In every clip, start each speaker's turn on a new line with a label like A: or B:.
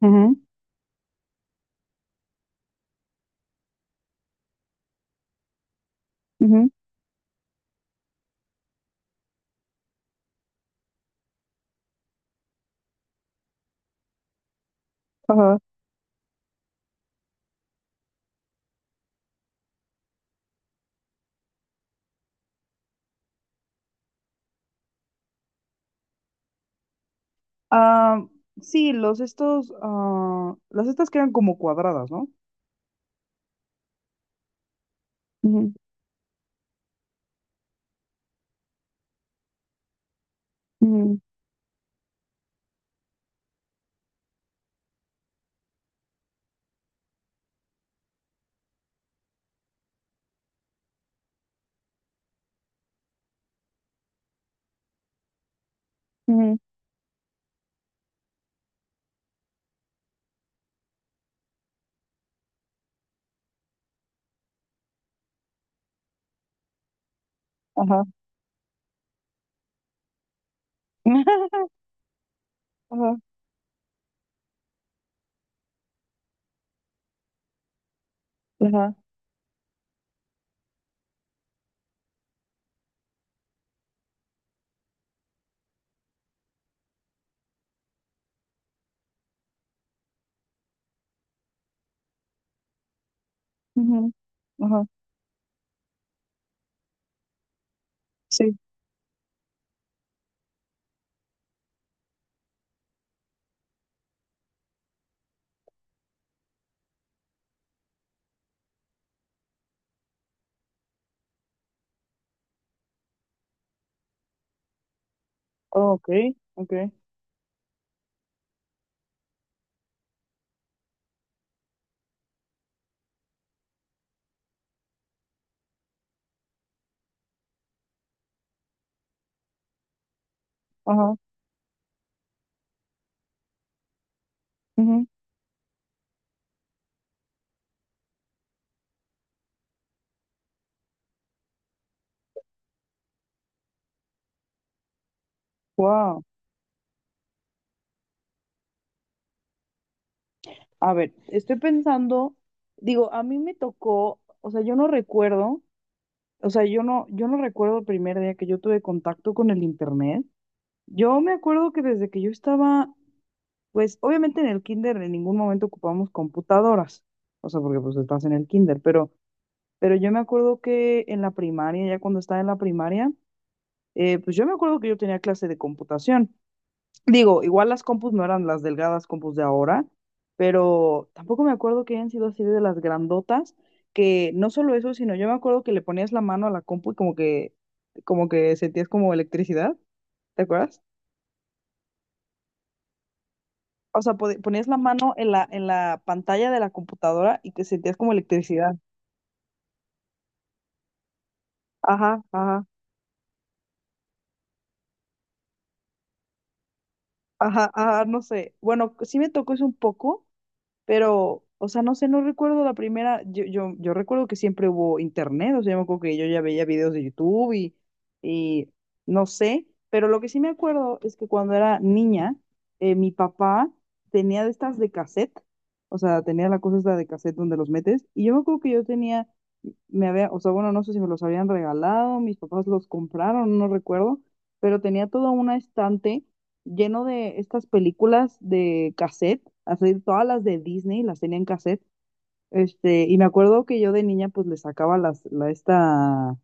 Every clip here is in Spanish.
A: Ujú, ujú, ajá. Ah, sí, los estos, ah, las estas que eran como cuadradas, ¿no? Ujú, ujú, ujú, ajá. Ajá, ajá, ujú, ajá, sí, ok, ok, ajá, wow. A ver, estoy pensando, digo, a mí me tocó, o sea, yo no recuerdo, o sea, yo no, yo no recuerdo el primer día que yo tuve contacto con el internet. Yo me acuerdo que desde que yo estaba. Pues obviamente en el kinder en ningún momento ocupamos computadoras, o sea, porque pues estás en el kinder, pero yo me acuerdo que en la primaria, ya cuando estaba en la primaria, pues yo me acuerdo que yo tenía clase de computación. Digo, igual las compus no eran las delgadas compus de ahora, pero tampoco me acuerdo que hayan sido así de las grandotas, que no solo eso, sino yo me acuerdo que le ponías la mano a la compu y como que sentías como electricidad, ¿te acuerdas? O sea, ponías la mano en la pantalla de la computadora y que sentías como electricidad. Ajá, ajá, ajá, ajá, no sé. Bueno, sí me tocó eso un poco. Pero, o sea, no sé, no recuerdo la primera, yo recuerdo que siempre hubo internet, o sea, yo me acuerdo que yo ya veía videos de YouTube y no sé, pero lo que sí me acuerdo es que cuando era niña, mi papá tenía de estas de cassette, o sea, tenía la cosa esta de cassette donde los metes, y yo me acuerdo que yo tenía, me había, o sea, bueno, no sé si me los habían regalado, mis papás los compraron, no recuerdo, pero tenía todo un estante lleno de estas películas de cassette, así todas las de Disney las tenía en cassette. Este, y me acuerdo que yo de niña pues le sacaba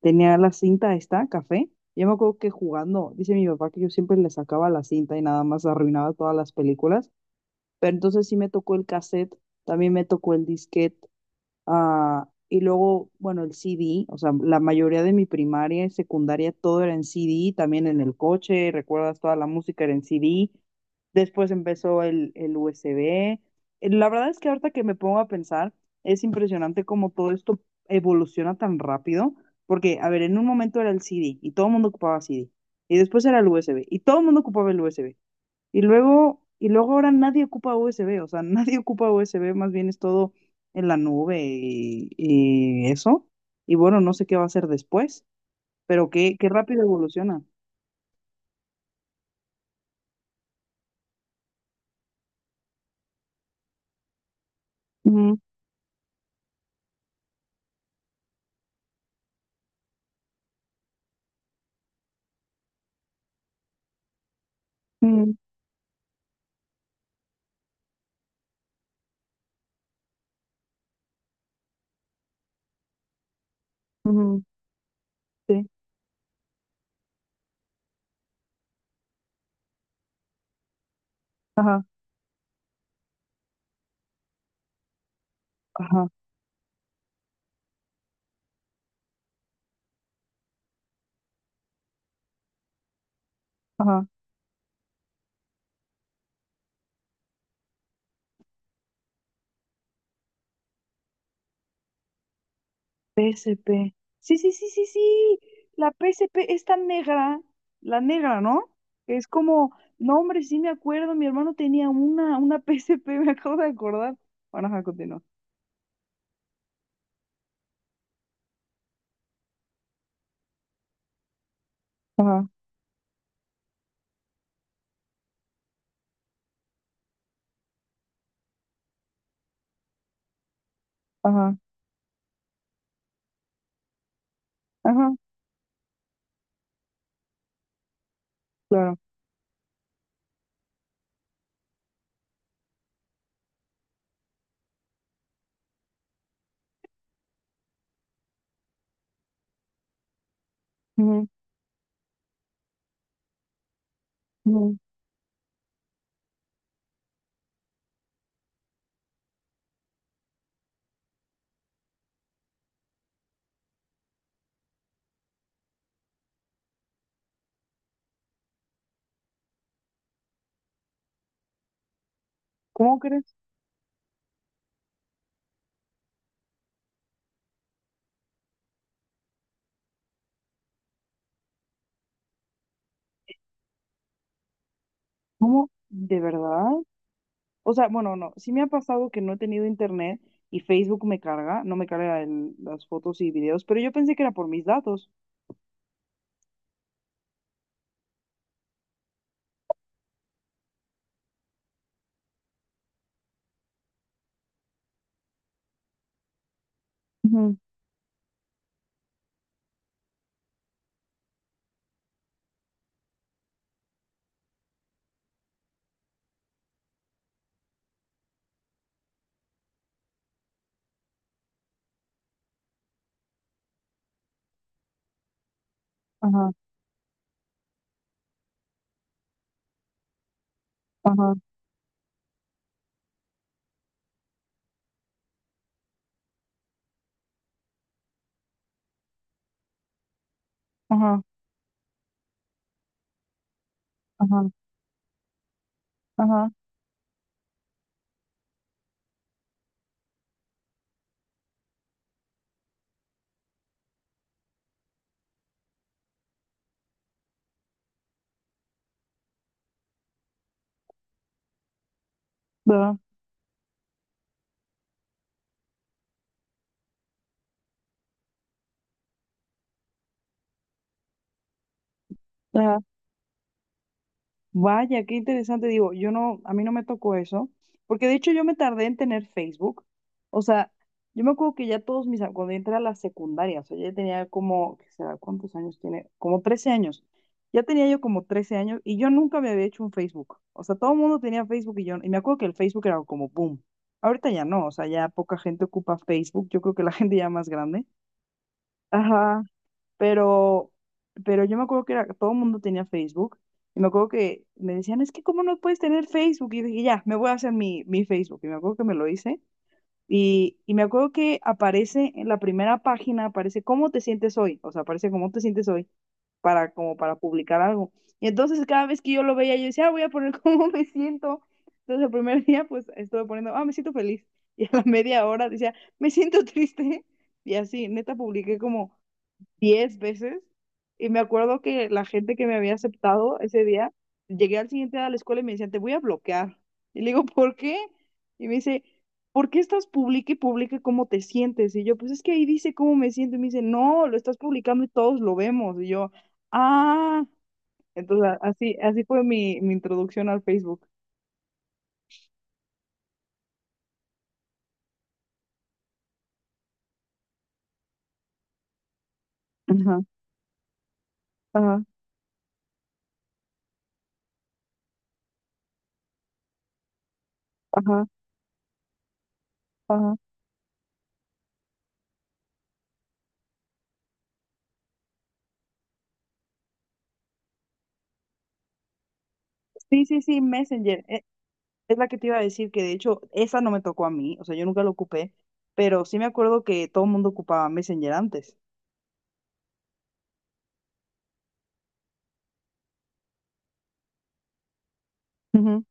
A: tenía la cinta esta, café. Yo me acuerdo que jugando, dice mi papá que yo siempre le sacaba la cinta y nada más arruinaba todas las películas. Pero entonces sí me tocó el cassette, también me tocó el disquete. Ah, y luego, bueno, el C D, o sea, la mayoría de mi primaria y secundaria todo era en C D, también en el coche, recuerdas, toda la música era en C D. Después empezó el U USB. La verdad es que ahorita que me pongo a pensar, es impresionante cómo todo esto evoluciona tan rápido, porque, a ver, en un momento era el C D y todo el mundo ocupaba C D, y después era el U S B y todo el mundo ocupaba el U S B, y luego ahora nadie ocupa USB, o sea, nadie ocupa USB, más bien es todo en la nube y eso. Y bueno, no sé qué va a hacer después, pero qué, qué rápido evoluciona. Ujú, ujú, ujú, sí, ajá, ajá, ajá. P S P. Sí, sí, sí, sí, sí. La P S P es tan negra, la negra, ¿no? Que es como, no, hombre, sí me acuerdo, mi hermano tenía una P S P, me acabo de acordar. Bueno, ajá, continúa. Ajá, ajá, ajá, claro. Ujú, ujú. ¿Cómo crees? ¿Cómo? ¿De verdad? O sea, bueno, no, sí me ha pasado que no he tenido internet y Facebook me carga, no me carga las fotos y videos, pero yo pensé que era por mis datos. Ujú, ajá, ajá, ajá, ajá, ajá, ajá, ajá. Vaya, qué interesante. Digo, yo no, a mí no me tocó eso, porque de hecho yo me tardé en tener Facebook. O sea, yo me acuerdo que ya todos cuando yo entré a la secundaria, o sea, ya tenía como, ¿qué será? ¿Cuántos años tiene? Como 13 años. Ya tenía yo como 13 años y yo nunca me había hecho un Facebook. O sea, todo el mundo tenía Facebook y yo, y me acuerdo que el Facebook era como boom. Ahorita ya no, o sea, ya poca gente ocupa Facebook. Yo creo que la gente ya más grande. Ajá. Pero, pero yo me acuerdo que era, todo el mundo tenía Facebook. Y me acuerdo que me decían, es que ¿cómo no puedes tener Facebook? Y dije, ya, me voy a hacer mi Facebook. Y me acuerdo que me lo hice. Y me acuerdo que aparece en la primera página, aparece cómo te sientes hoy. O sea, aparece cómo te sientes hoy para, como para publicar algo. Y entonces cada vez que yo lo veía, yo decía, "Ah, voy a poner cómo me siento." Entonces el primer día, pues estuve poniendo, ah, me siento feliz. Y a la media hora decía, me siento triste. Y así, neta, publiqué como 10 veces y me acuerdo que la gente que me había aceptado ese día, llegué al siguiente día a la escuela y me decían, te voy a bloquear. Y le digo, ¿por qué? Y me dice, ¿por qué estás publica y publica cómo te sientes? Y yo, pues es que ahí dice cómo me siento. Y me dice, no, lo estás publicando y todos lo vemos. Y yo, ah, entonces así, así fue mi introducción al Facebook. Ajá, ajá, ajá, ajá. Sí, sí, sí, Messenger. E, es la que te iba a decir que de hecho esa no me tocó a mí, o sea, yo nunca lo ocupé, pero sí me acuerdo que todo el mundo ocupaba Messenger antes. Ujú.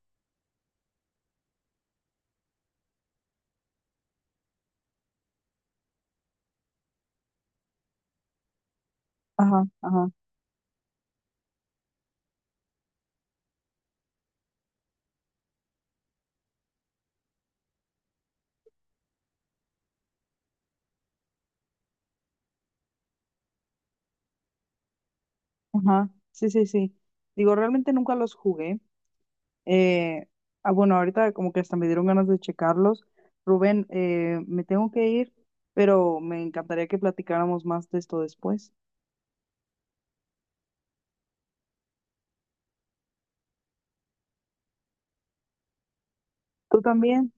A: Ajá, ajá, ajá. Sí, sí, sí. Digo, realmente nunca los jugué. Eh, ah, bueno, ahorita como que hasta me dieron ganas de checarlos. Rubén, me tengo que ir, pero me encantaría que platicáramos más de esto después. ¿Tú también?